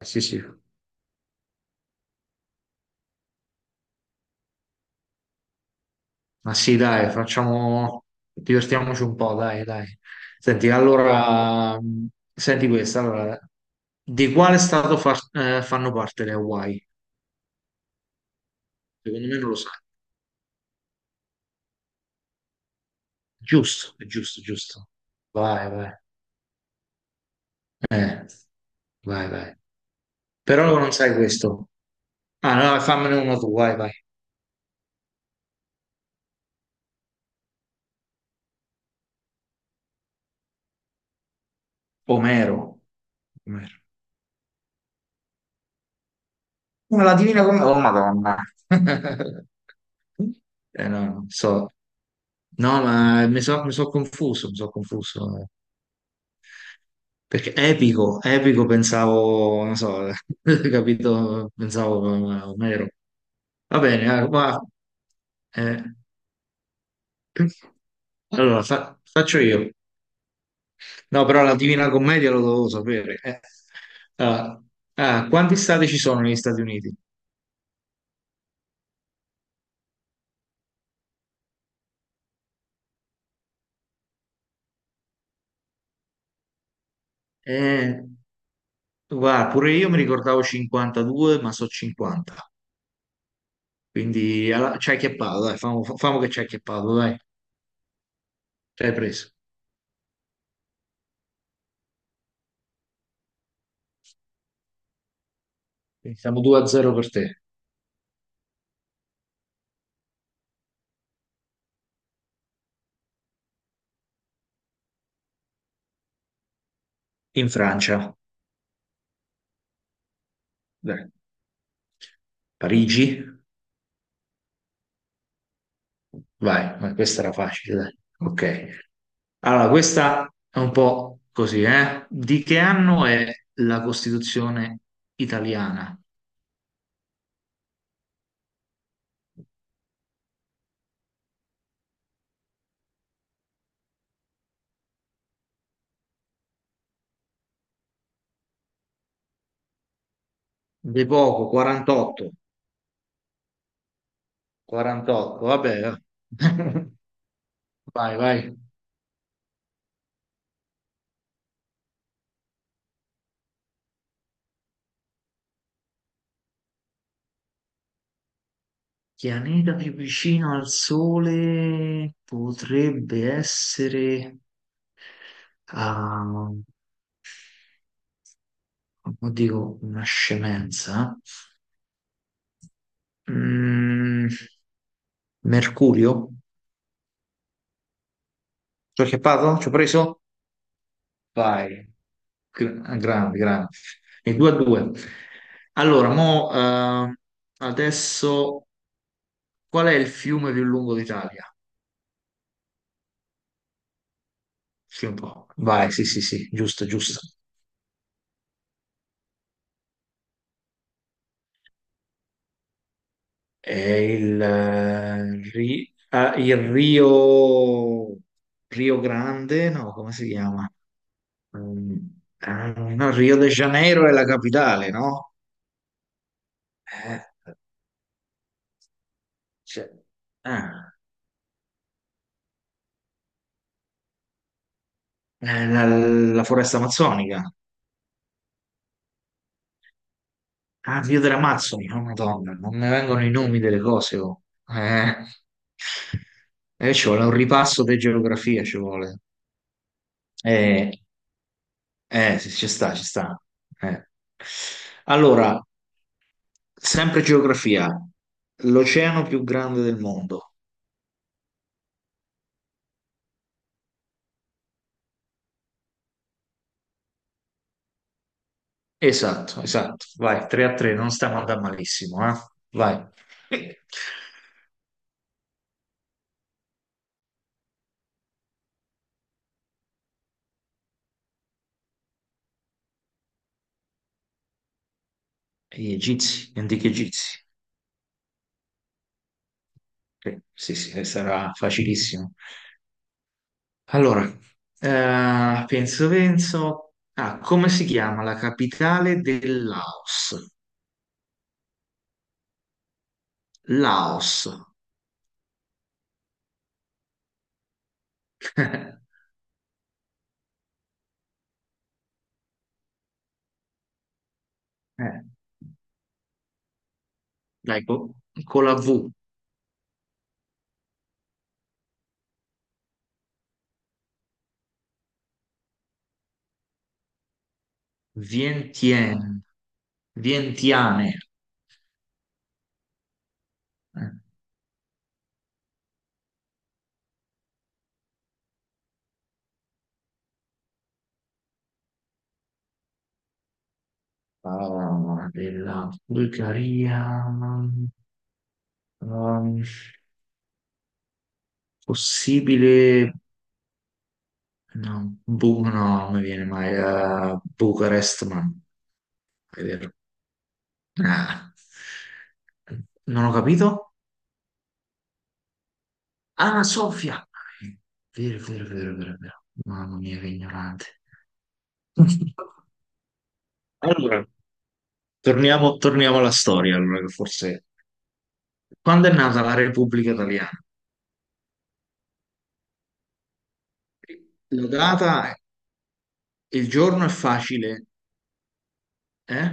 Sì, sì, ma sì, dai, facciamo, divertiamoci un po', dai, dai. Senti, allora, senti questa, allora, di quale stato fanno parte le Hawaii? Secondo me non lo sai. Giusto, è giusto, giusto. Vai, vai, eh, vai, vai. Però non sai questo. Ah, no, fammene uno tu, vai, vai. Omero. Omero. Ma La Divina Commedia, oh Madonna. No, non so. No, ma mi sono confuso, mi sono confuso. Perché epico, epico pensavo, non so, capito, pensavo mero. Va bene, ma, eh, allora faccio io. No, però la Divina Commedia lo dovevo sapere. Ah, ah, quanti stati ci sono negli Stati Uniti? Eh, Guarda, pure io mi ricordavo 52, ma so 50. Quindi ci hai chiappato, dai, famo, famo che ci hai chiappato, dai. Ci hai preso. Quindi siamo 2-0 per te. In Francia, dai. Parigi, vai, ma questa era facile, dai. Ok. Allora, questa è un po' così, eh? Di che anno è la Costituzione italiana? De poco, 48. 48, vabbè. Vai, vai. Pianeta più vicino al Sole potrebbe essere, ah, dico una scemenza. Mm, Mercurio? Ci ho acchiappato? Ci ho preso? Vai, grande, grande. E 2-2. Allora, mo, adesso qual è il fiume più lungo d'Italia? Sì, un po'. Vai, sì, sì, sì, giusto, giusto. È il Rio, Rio Grande, no, come si chiama? Mm, ah, no, Rio de Janeiro è la capitale, no? Eh, cioè, ah, la foresta amazzonica. Ah, Rio dell'Amazzoni, oh, Madonna, non mi vengono i nomi delle cose. Oh. Eh, ci vuole un ripasso di geografia, ci vuole. Eh, eh, sì, ci sta, ci sta. Eh. Allora, sempre geografia. L'oceano più grande del mondo. Esatto, esatto. Vai, 3-3, non stiamo andando malissimo, eh? Vai. Gli egizi, gli antichi egizi. Sì, sì, sarà facilissimo. Allora, penso, penso. Ah, come si chiama la capitale del Laos? Laos. Eh, Dai, con la V. Vientiane. Vientiane. Eh. Ah, della Bulgaria. Ehm, possibile. No, no, non mi viene mai. Bucarest, ma non è vero. Ah, non ho capito. Ah, Sofia. Vero, vero, vero, vero, vero. Mamma mia, che ignorante. Allora, torniamo, torniamo alla storia, allora, che forse... Quando è nata la Repubblica Italiana? La data, il giorno è facile, eh?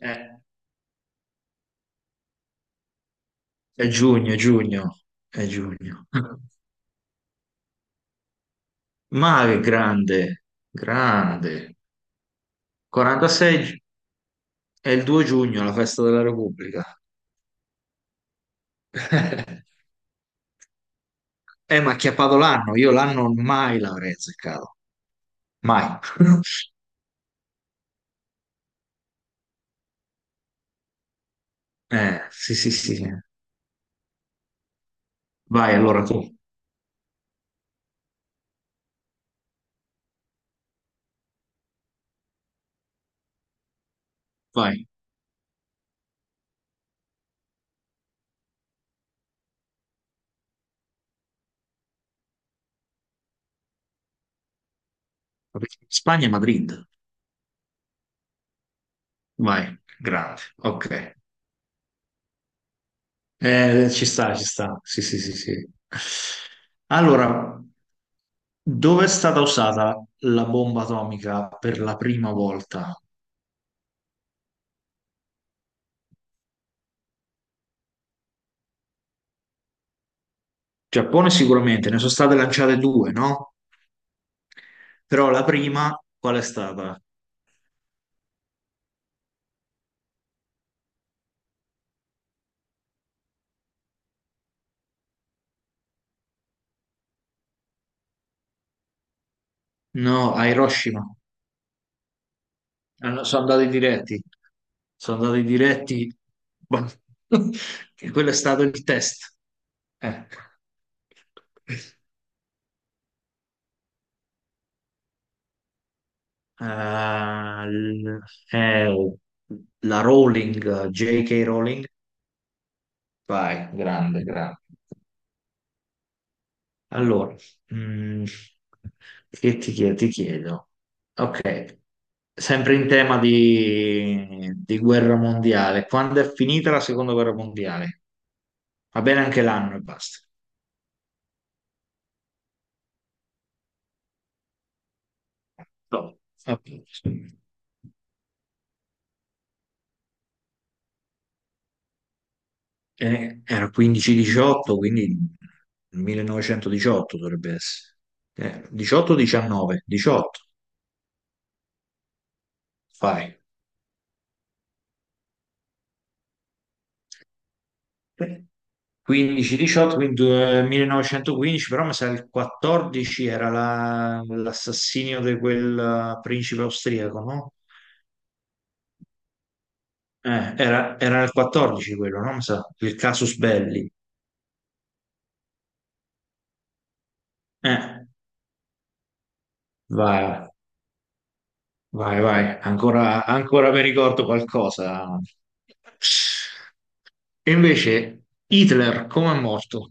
Eh, è giugno, è giugno, è giugno. Ma che grande, grande. 46 gi- è il 2 giugno, la festa della Repubblica. Ma ha acchiappato l'anno, io l'anno mai l'avrei azzeccato, mai. Sì, sì, sì. Vai, allora tu, vai. Spagna e Madrid, vai, grande, ok. Ci sta, ci sta. Sì, sì, sì, sì. Allora, dove è stata usata la bomba atomica per la prima volta? Giappone sicuramente, ne sono state lanciate due, no? Però la prima, qual è stata? No, a Hiroshima. Sono andati diretti. Sono andati diretti. Boh. E quello è stato il test. Eh. Eh, l- oh, la Rowling, J.K. Rowling. Vai, grande, grande. Allora, mm, che ti chiedo? Ti chiedo. Ok, sempre in tema di guerra mondiale. Quando è finita la seconda guerra mondiale? Va bene anche l'anno e basta. No. Ok. Era 15-18, quindi 1918 dovrebbe essere. 18-19, 18, fai. 15-18, quindi 1915, però mi sa il 14 era l'assassinio di quel principe austriaco, no? Era il 14 quello, no? Mi sa, il casus belli. Eh, vai. Vai, vai, ancora, ancora mi ricordo qualcosa. E invece Hitler, come è morto?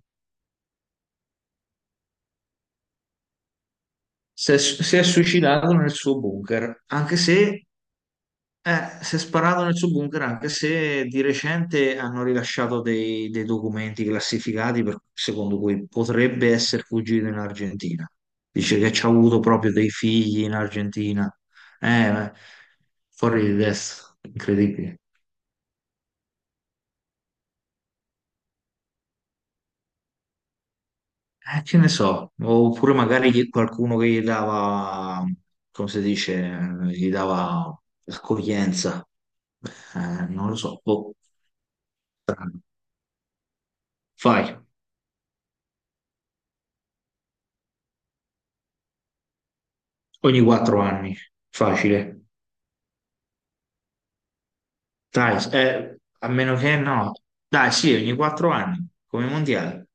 Si è suicidato nel suo bunker, anche se si è sparato nel suo bunker, anche se di recente hanno rilasciato dei documenti classificati secondo cui potrebbe essere fuggito in Argentina. Dice che ci ha avuto proprio dei figli in Argentina. Eh, eh, fuori di testa, incredibile. Che ne so, oppure magari qualcuno che gli dava, come si dice, gli dava accoglienza. Non lo so, boh, strano. Fai, ogni 4 anni, facile, dai, a meno che no, dai, sì, ogni 4 anni, come mondiale.